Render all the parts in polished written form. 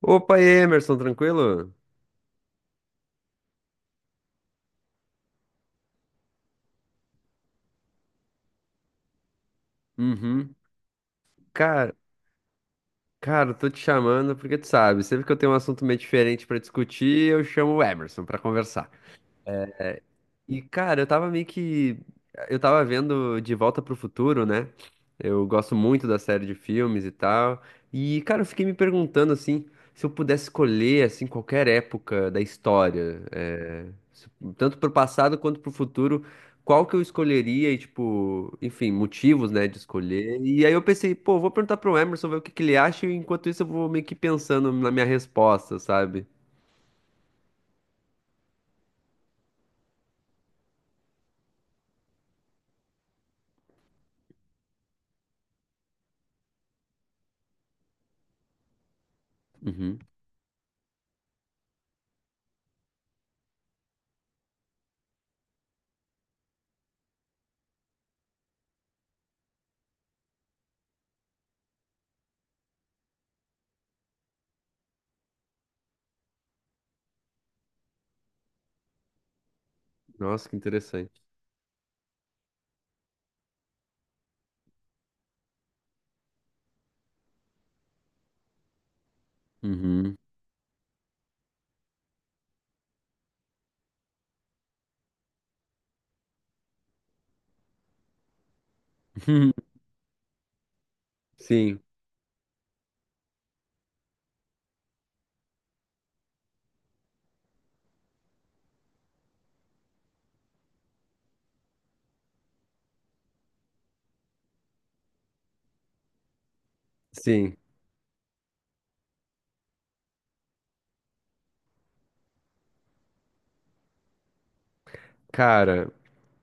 Opa, Emerson, tranquilo? Uhum. Cara, cara, eu tô te chamando porque tu sabe, sempre que eu tenho um assunto meio diferente pra discutir, eu chamo o Emerson pra conversar. E, cara, eu tava meio que. Eu tava vendo De Volta pro Futuro, né? Eu gosto muito da série de filmes e tal. E, cara, eu fiquei me perguntando, assim, se eu pudesse escolher, assim, qualquer época da história, se- tanto pro passado quanto pro futuro, qual que eu escolheria e, tipo, enfim, motivos, né, de escolher. E aí eu pensei, pô, vou perguntar pro Emerson, ver o que que ele acha, e enquanto isso eu vou meio que pensando na minha resposta, sabe? Uhum. Nossa, que interessante. Uhum. Sim. Sim, cara,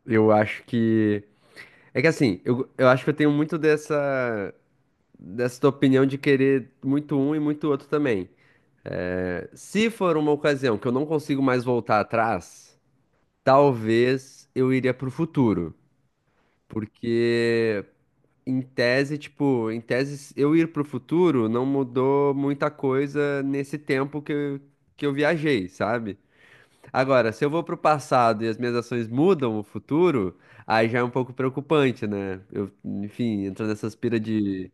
eu acho que. É que assim, eu acho que eu tenho muito dessa, dessa tua opinião de querer muito um e muito outro também. É, se for uma ocasião que eu não consigo mais voltar atrás, talvez eu iria pro futuro. Porque, em tese, tipo, em tese, eu ir pro futuro não mudou muita coisa nesse tempo que eu viajei, sabe? Agora, se eu vou pro passado e as minhas ações mudam o futuro, aí já é um pouco preocupante, né? Eu, enfim, entro nessa aspira de.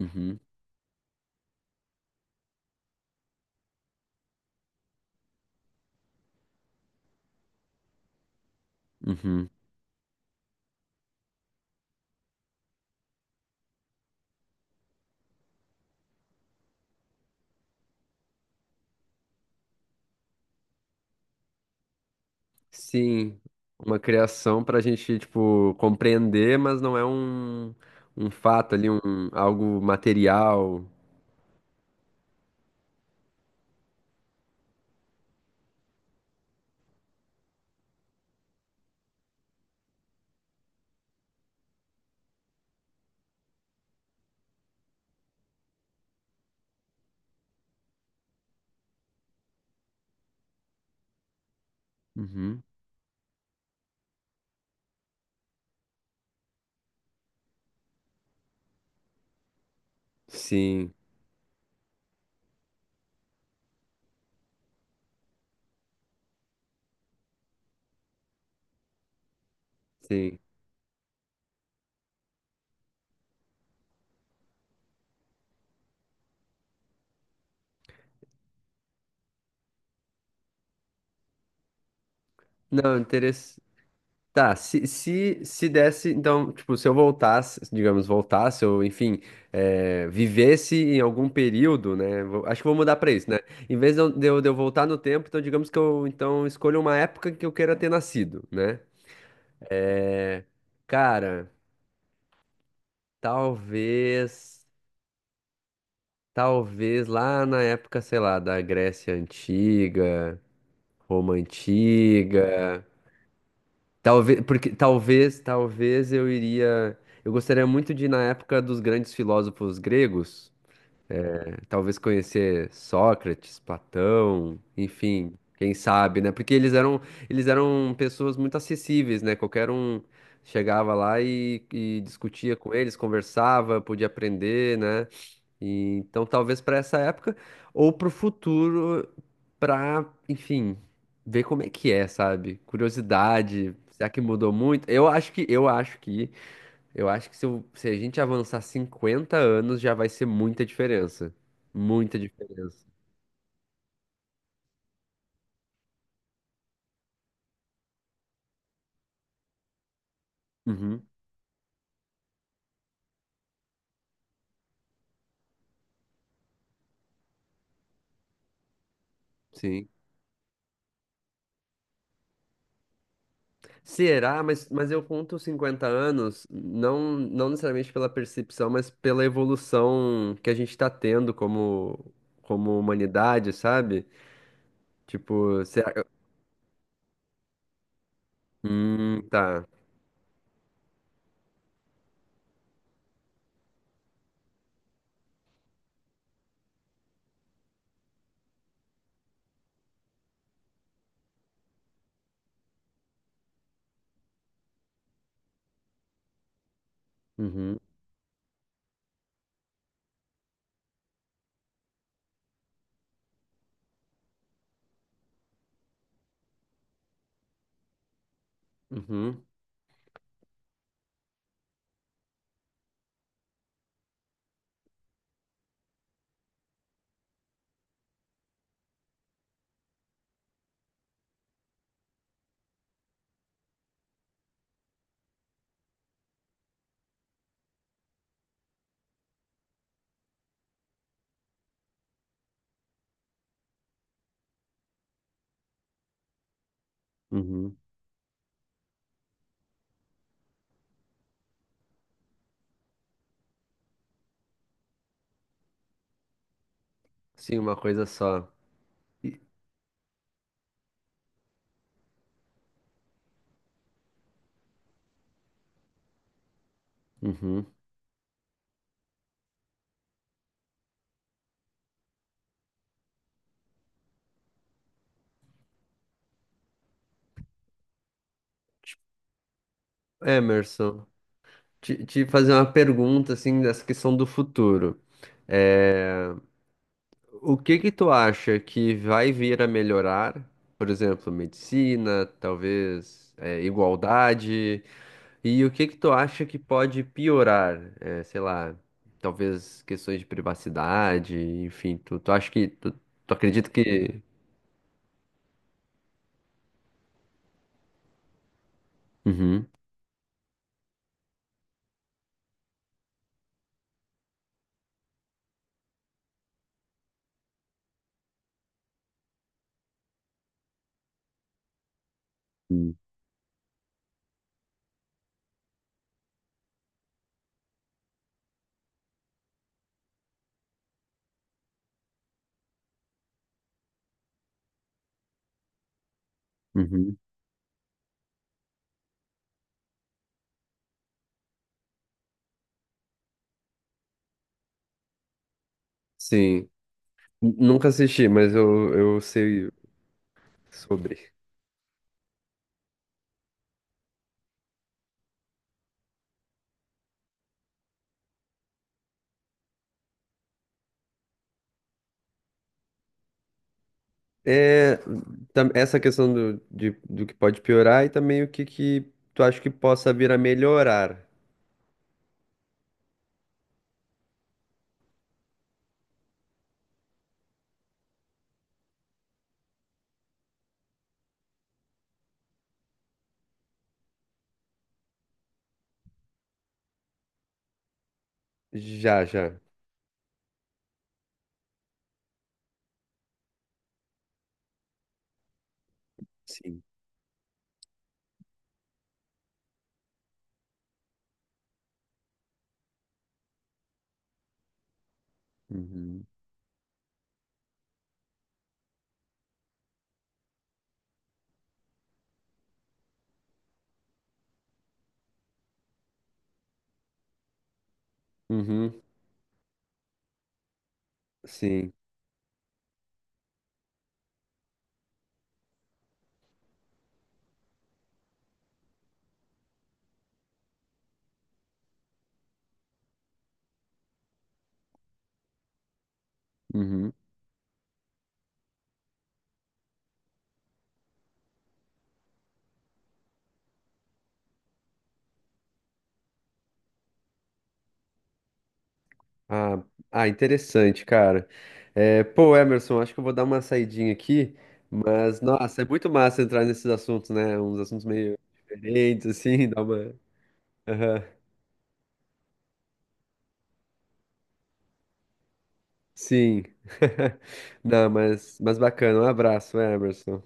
Uhum, uhum. Sim, uma criação pra gente, tipo, compreender, mas não é um, um fato ali, um, algo material. Uhum. Sim, sim. Não, Tá, se desse, então, tipo, se eu voltasse, digamos, voltasse, ou enfim, vivesse em algum período, né? Acho que vou mudar pra isso, né? Em vez de eu voltar no tempo, então, digamos que eu então escolho uma época que eu queira ter nascido, né? Cara, talvez, talvez lá na época, sei lá, da Grécia Antiga, Roma Antiga. Talvez, porque talvez eu iria. Eu gostaria muito de ir na época dos grandes filósofos gregos, né? Talvez conhecer Sócrates, Platão, enfim, quem sabe, né? Porque eles eram pessoas muito acessíveis, né? Qualquer um chegava lá e discutia com eles, conversava, podia aprender, né? E, então, talvez para essa época ou para o futuro, para, enfim, ver como é que é, sabe? Curiosidade, será que mudou muito? Eu acho que, eu acho que, eu acho que se, se a gente avançar 50 anos já vai ser muita diferença. Muita diferença. Uhum, sim. Será? Mas eu conto os 50 anos não, não necessariamente pela percepção, mas pela evolução que a gente está tendo como, como humanidade, sabe? Tipo, será- tá. Uhum, uhum, uhum. Sim, uma coisa só. E- Uhum. Emerson, te fazer uma pergunta, assim, dessa questão do futuro. É, o que que tu acha que vai vir a melhorar? Por exemplo, medicina, talvez, é, igualdade. E o que que tu acha que pode piorar? É, sei lá, talvez questões de privacidade, enfim. Tu, tu acha que... Tu, tu acredita que... Uhum. Uhum. Uhum. Sim. Nunca assisti, mas eu sei sobre. É, essa questão do, do que pode piorar e também o que, que tu acha que possa vir a melhorar. Já, já. Sim. Uhum. Uhum. Sim. Uhum. Ah, ah, interessante, cara. É, pô, Emerson, acho que eu vou dar uma saidinha aqui, mas, nossa, é muito massa entrar nesses assuntos, né? Uns assuntos meio diferentes, assim, dá uma. Aham. Sim. Não, mas bacana. Um abraço, Emerson.